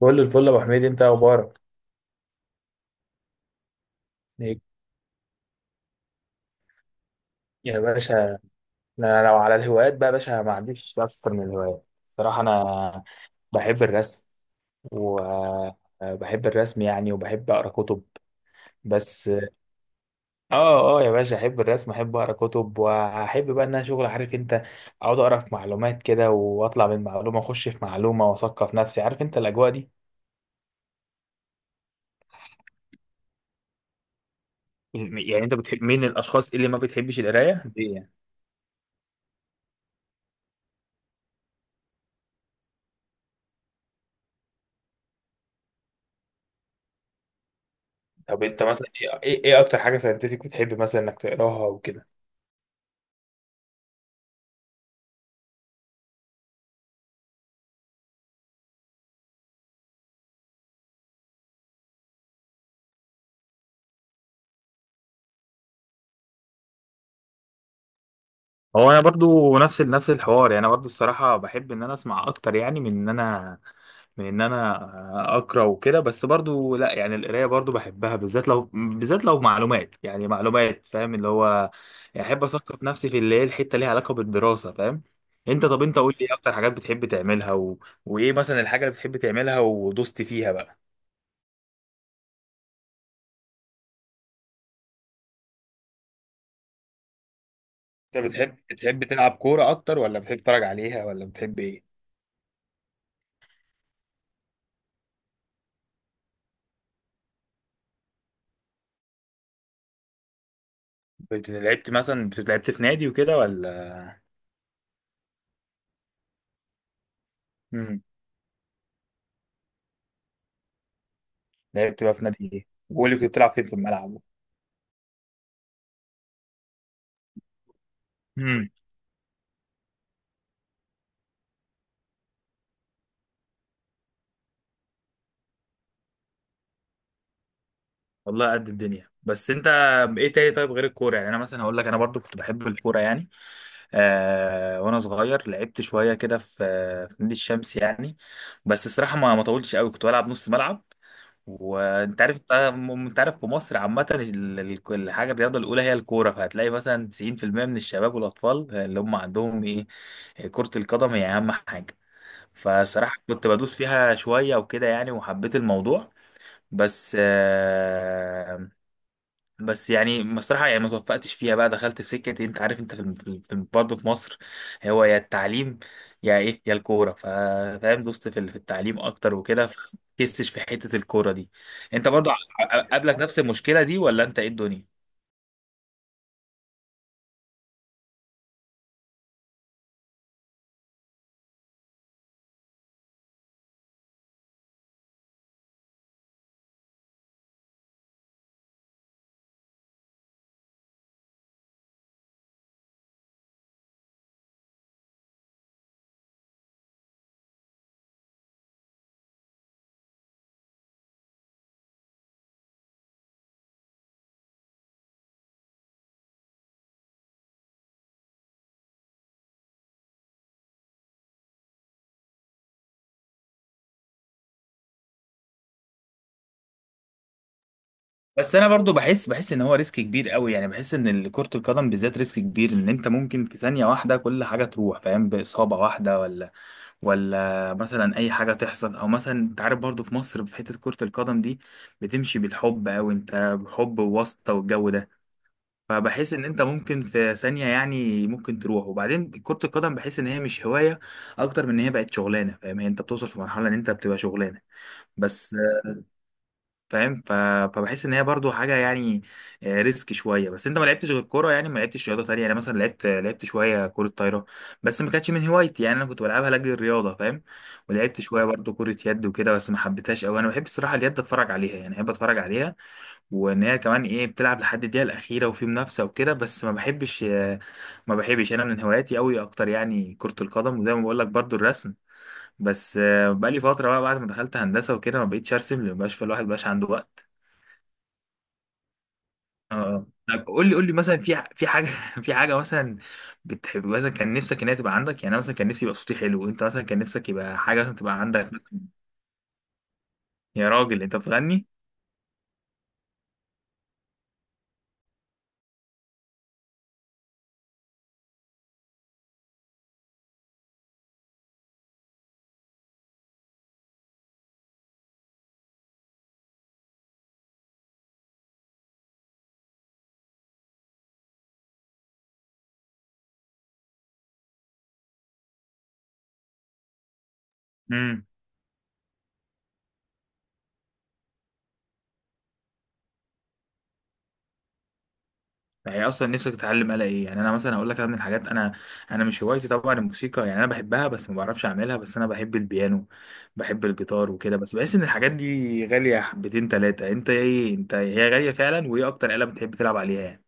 كل الفل يا ابو حميد، انت إيه اخبارك إيه؟ يا باشا، انا لو على الهوايات بقى يا باشا ما عنديش اكتر من الهوايات صراحه. انا بحب الرسم، وبحب الرسم يعني، وبحب اقرا كتب. بس اه يا باشا، احب الرسم، احب اقرا كتب، واحب بقى ان انا شغل عارف انت، اقعد اقرا في معلومات كده واطلع من معلومه اخش في معلومه واثقف نفسي، عارف انت الاجواء دي. يعني انت بتحب مين الاشخاص اللي ما بتحبش القرايه؟ ليه يعني؟ طب انت مثلا ايه ايه إيه اكتر حاجه ساينتفك بتحب مثلا انك تقراها وكده؟ هو انا برضو نفس الحوار، يعني انا برضو الصراحه بحب ان انا اسمع اكتر، يعني من ان انا اقرا وكده، بس برضو لا. يعني القرايه برضو بحبها، بالذات لو معلومات، يعني معلومات، فاهم اللي هو، يعني احب اثقف نفسي في اللي هي الحته ليها علاقه بالدراسه، فاهم. انت طب انت قول لي ايه اكتر حاجات بتحب تعملها و... وايه مثلا الحاجه اللي بتحب تعملها ودوست فيها بقى؟ انت بتحب تلعب كوره اكتر، ولا بتحب تتفرج عليها، ولا بتحب ايه؟ لعبت مثلا لعبت في نادي وكده، ولا؟ لعبت بقى في نادي ايه، وقول لي كنت بتلعب فين في الملعب؟ امم والله قد الدنيا. بس انت، ايه تاني طيب غير الكوره؟ يعني انا مثلا هقول لك انا برضو كنت بحب الكوره يعني، آه، وانا صغير لعبت شويه كده في، في نادي الشمس يعني. بس الصراحه ما طولتش قوي، كنت بلعب نص ملعب وانت عارف. انت عارف في مصر عامه، الحاجه الرياضه الاولى هي الكوره، فهتلاقي مثلا 90% من الشباب والاطفال اللي هم عندهم ايه، كره القدم هي اهم حاجه. فصراحة كنت بدوس فيها شوية وكده يعني، وحبيت الموضوع. بس بس يعني بصراحة يعني ما توفقتش فيها، بقى دخلت في سكة إيه، انت عارف، انت في برضه في مصر، هو يا التعليم يا ايه يا الكورة، فاهم، دوست في في التعليم اكتر وكده، فكستش في حتة الكورة دي. انت برضه قابلك نفس المشكلة دي، ولا انت ايه الدنيا؟ بس انا برضو بحس ان هو ريسك كبير قوي، يعني بحس ان كرة القدم بالذات ريسك كبير، ان انت ممكن في ثانية واحدة كل حاجة تروح، فاهم، بإصابة واحدة، ولا مثلا اي حاجه تحصل، او مثلا انت عارف برضو في مصر في حته كره القدم دي بتمشي بالحب، او انت حب وواسطه والجو ده. فبحس ان انت ممكن في ثانيه، يعني ممكن تروح، وبعدين كره القدم بحس ان هي مش هوايه اكتر من ان هي بقت شغلانه، فاهم، هي انت بتوصل في مرحله ان انت بتبقى شغلانه، بس فاهم ف... فبحس ان هي برضو حاجه يعني، ريسك شويه. بس انت ما لعبتش غير كوره، يعني ما لعبتش رياضه تانية يعني، مثلا لعبت شويه كره طايره، بس ما كانتش من هوايتي، يعني انا كنت بلعبها لاجل الرياضه فاهم. ولعبت شويه برضو كره يد وكده، بس ما حبيتهاش قوي. انا بحب الصراحه اليد اتفرج عليها، يعني بحب اتفرج عليها، وان هي كمان ايه بتلعب لحد الدقيقه الاخيره وفي منافسه وكده، بس ما بحبش. ما بحبش انا، من هواياتي قوي اكتر يعني كره القدم، وزي ما بقول لك برضو الرسم. بس بقالي فتره بقى، بعد ما دخلت هندسه وكده ما بقيتش ارسم، لان مبقاش الواحد مبقاش عنده وقت. اه، طب قول لي مثلا، في في حاجه في حاجه مثلا بتحب، مثلا كان نفسك ان هي تبقى عندك يعني. أنا مثلا كان نفسي يبقى صوتي حلو، وانت مثلا كان نفسك يبقى حاجه مثلا تبقى عندك. يا راجل انت بتغني؟ امم يعني اصلا نفسك تتعلم آلة ايه؟ يعني انا مثلا هقول لك، أنا من الحاجات، انا مش هوايتي طبعا الموسيقى، يعني انا بحبها بس ما بعرفش اعملها. بس انا بحب البيانو، بحب الجيتار وكده، بس بحس ان الحاجات دي غاليه حبتين ثلاثه. انت ايه، انت هي غاليه فعلا، وايه اكتر آلة بتحب تلعب عليها يعني؟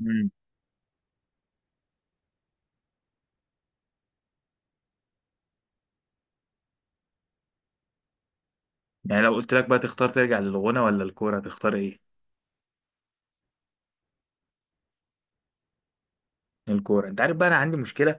امم يعني لو قلت لك بقى تختار ترجع للغنى ولا الكوره، تختار ايه؟ الكوره. انت عارف بقى انا عندي مشكله،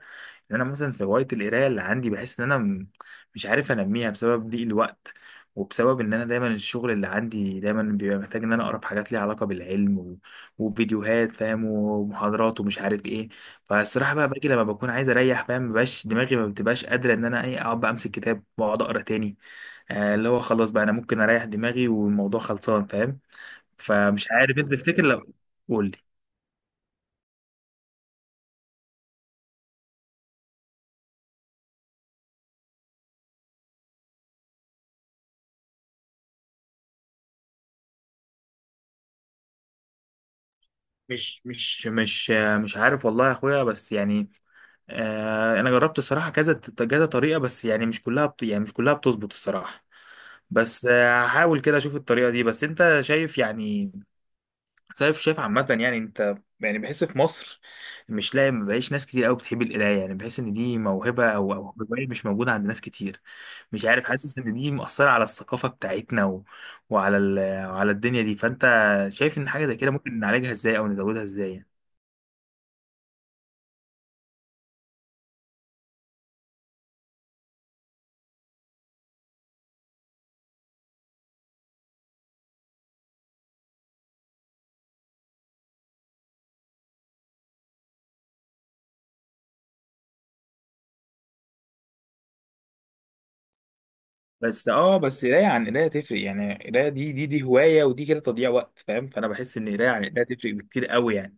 ان انا مثلا في هوايه القرايه اللي عندي بحس ان انا مش عارف انميها، بسبب ضيق الوقت، وبسبب ان انا دايما الشغل اللي عندي دايما بيبقى محتاج ان انا اقرا في حاجات ليها علاقه بالعلم و... وفيديوهات، فاهم، ومحاضرات ومش عارف ايه. فالصراحه بقى باجي لما بكون عايز اريح، فاهم، مبقاش دماغي ما بتبقاش قادره ان انا ايه اقعد بقى امسك كتاب واقعد اقرا تاني. آه، اللي هو خلاص بقى انا ممكن اريح دماغي والموضوع خلصان، فاهم. فمش عارف انت تفتكر لو، قول. مش مش مش مش عارف والله يا اخويا، بس يعني آه، انا جربت الصراحه كذا كذا طريقه، بس يعني مش كلها بت... يعني مش كلها بتظبط الصراحه. بس هحاول كده اشوف الطريقه دي. بس انت شايف يعني، شايف عامه يعني انت، يعني بحس في مصر مش لاقي، ما بقاش ناس كتير قوي بتحب القرايه، يعني بحس ان دي موهبه او او هوايه مش موجوده عند ناس كتير. مش عارف، حاسس ان دي مؤثره على الثقافه بتاعتنا و... وعلى وعلى الدنيا دي. فانت شايف ان حاجه زي كده ممكن نعالجها ازاي او نزودها ازاي؟ بس اه، بس قرايه عن قرايه تفرق، يعني قرايه دي هوايه ودي كده تضييع وقت فاهم، فانا بحس ان قرايه عن قرايه تفرق بكتير قوي يعني.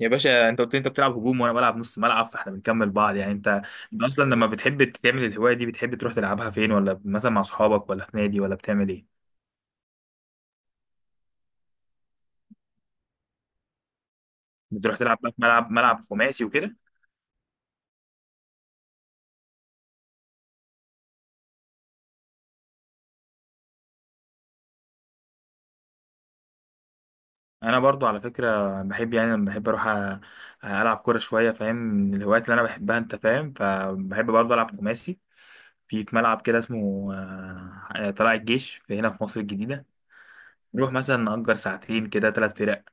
يا باشا، انت قلت لي انت بتلعب هجوم وانا بلعب نص ملعب، فاحنا بنكمل بعض يعني. انت، انت اصلا لما بتحب تعمل الهوايه دي بتحب تروح تلعبها فين؟ ولا مثلا مع اصحابك، ولا في نادي، ولا بتعمل ايه؟ بتروح تلعب بقى في ملعب، خماسي وكده؟ انا برضو على فكره بحب، يعني لما بحب اروح العب كوره شويه، فاهم، من الهوايات اللي انا بحبها انت فاهم، فبحب برضو العب خماسي في، في ملعب كده اسمه طلائع الجيش، في هنا في مصر الجديدة. نروح مثلا نأجر ساعتين كده ثلاث فرق،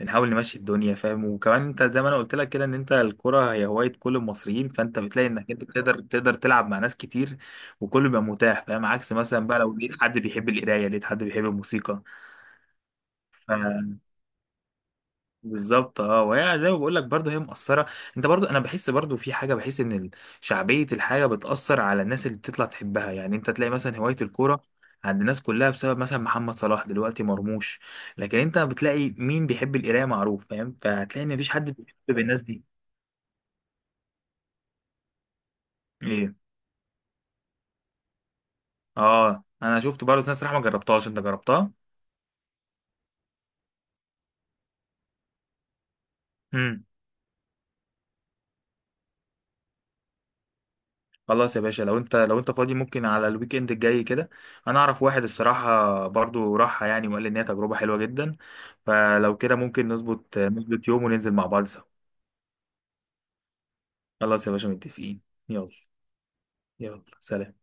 بنحاول نمشي الدنيا فاهم. وكمان انت زي ما انا قلت لك كده، ان انت الكرة هي هواية كل المصريين، فانت بتلاقي انك انت تقدر تلعب مع ناس كتير وكله بيبقى متاح، فاهم، عكس مثلا بقى لو لقيت حد بيحب القراية، لقيت حد بيحب الموسيقى. بالظبط، اه، وهي زي ما بقول لك برضه هي مؤثره. انت برضه انا بحس برضه في حاجه، بحس ان شعبيه الحاجه بتاثر على الناس اللي بتطلع تحبها، يعني انت تلاقي مثلا هوايه الكوره عند الناس كلها بسبب مثلا محمد صلاح دلوقتي مرموش. لكن انت بتلاقي مين بيحب القرايه معروف، فاهم، فهتلاقي ان مفيش حد بيحب الناس دي. ايه؟ اه، انا شفت برضه ناس صراحه ما جربتهاش. انت جربتها؟ إمم. خلاص يا باشا، لو انت، لو انت فاضي ممكن على الويك اند الجاي كده، انا اعرف واحد الصراحه برضو راحها يعني، وقال لي ان هي تجربه حلوه جدا. فلو كده ممكن نظبط يوم وننزل مع بعض سوا. خلاص يا باشا متفقين. يلا، يلا سلام.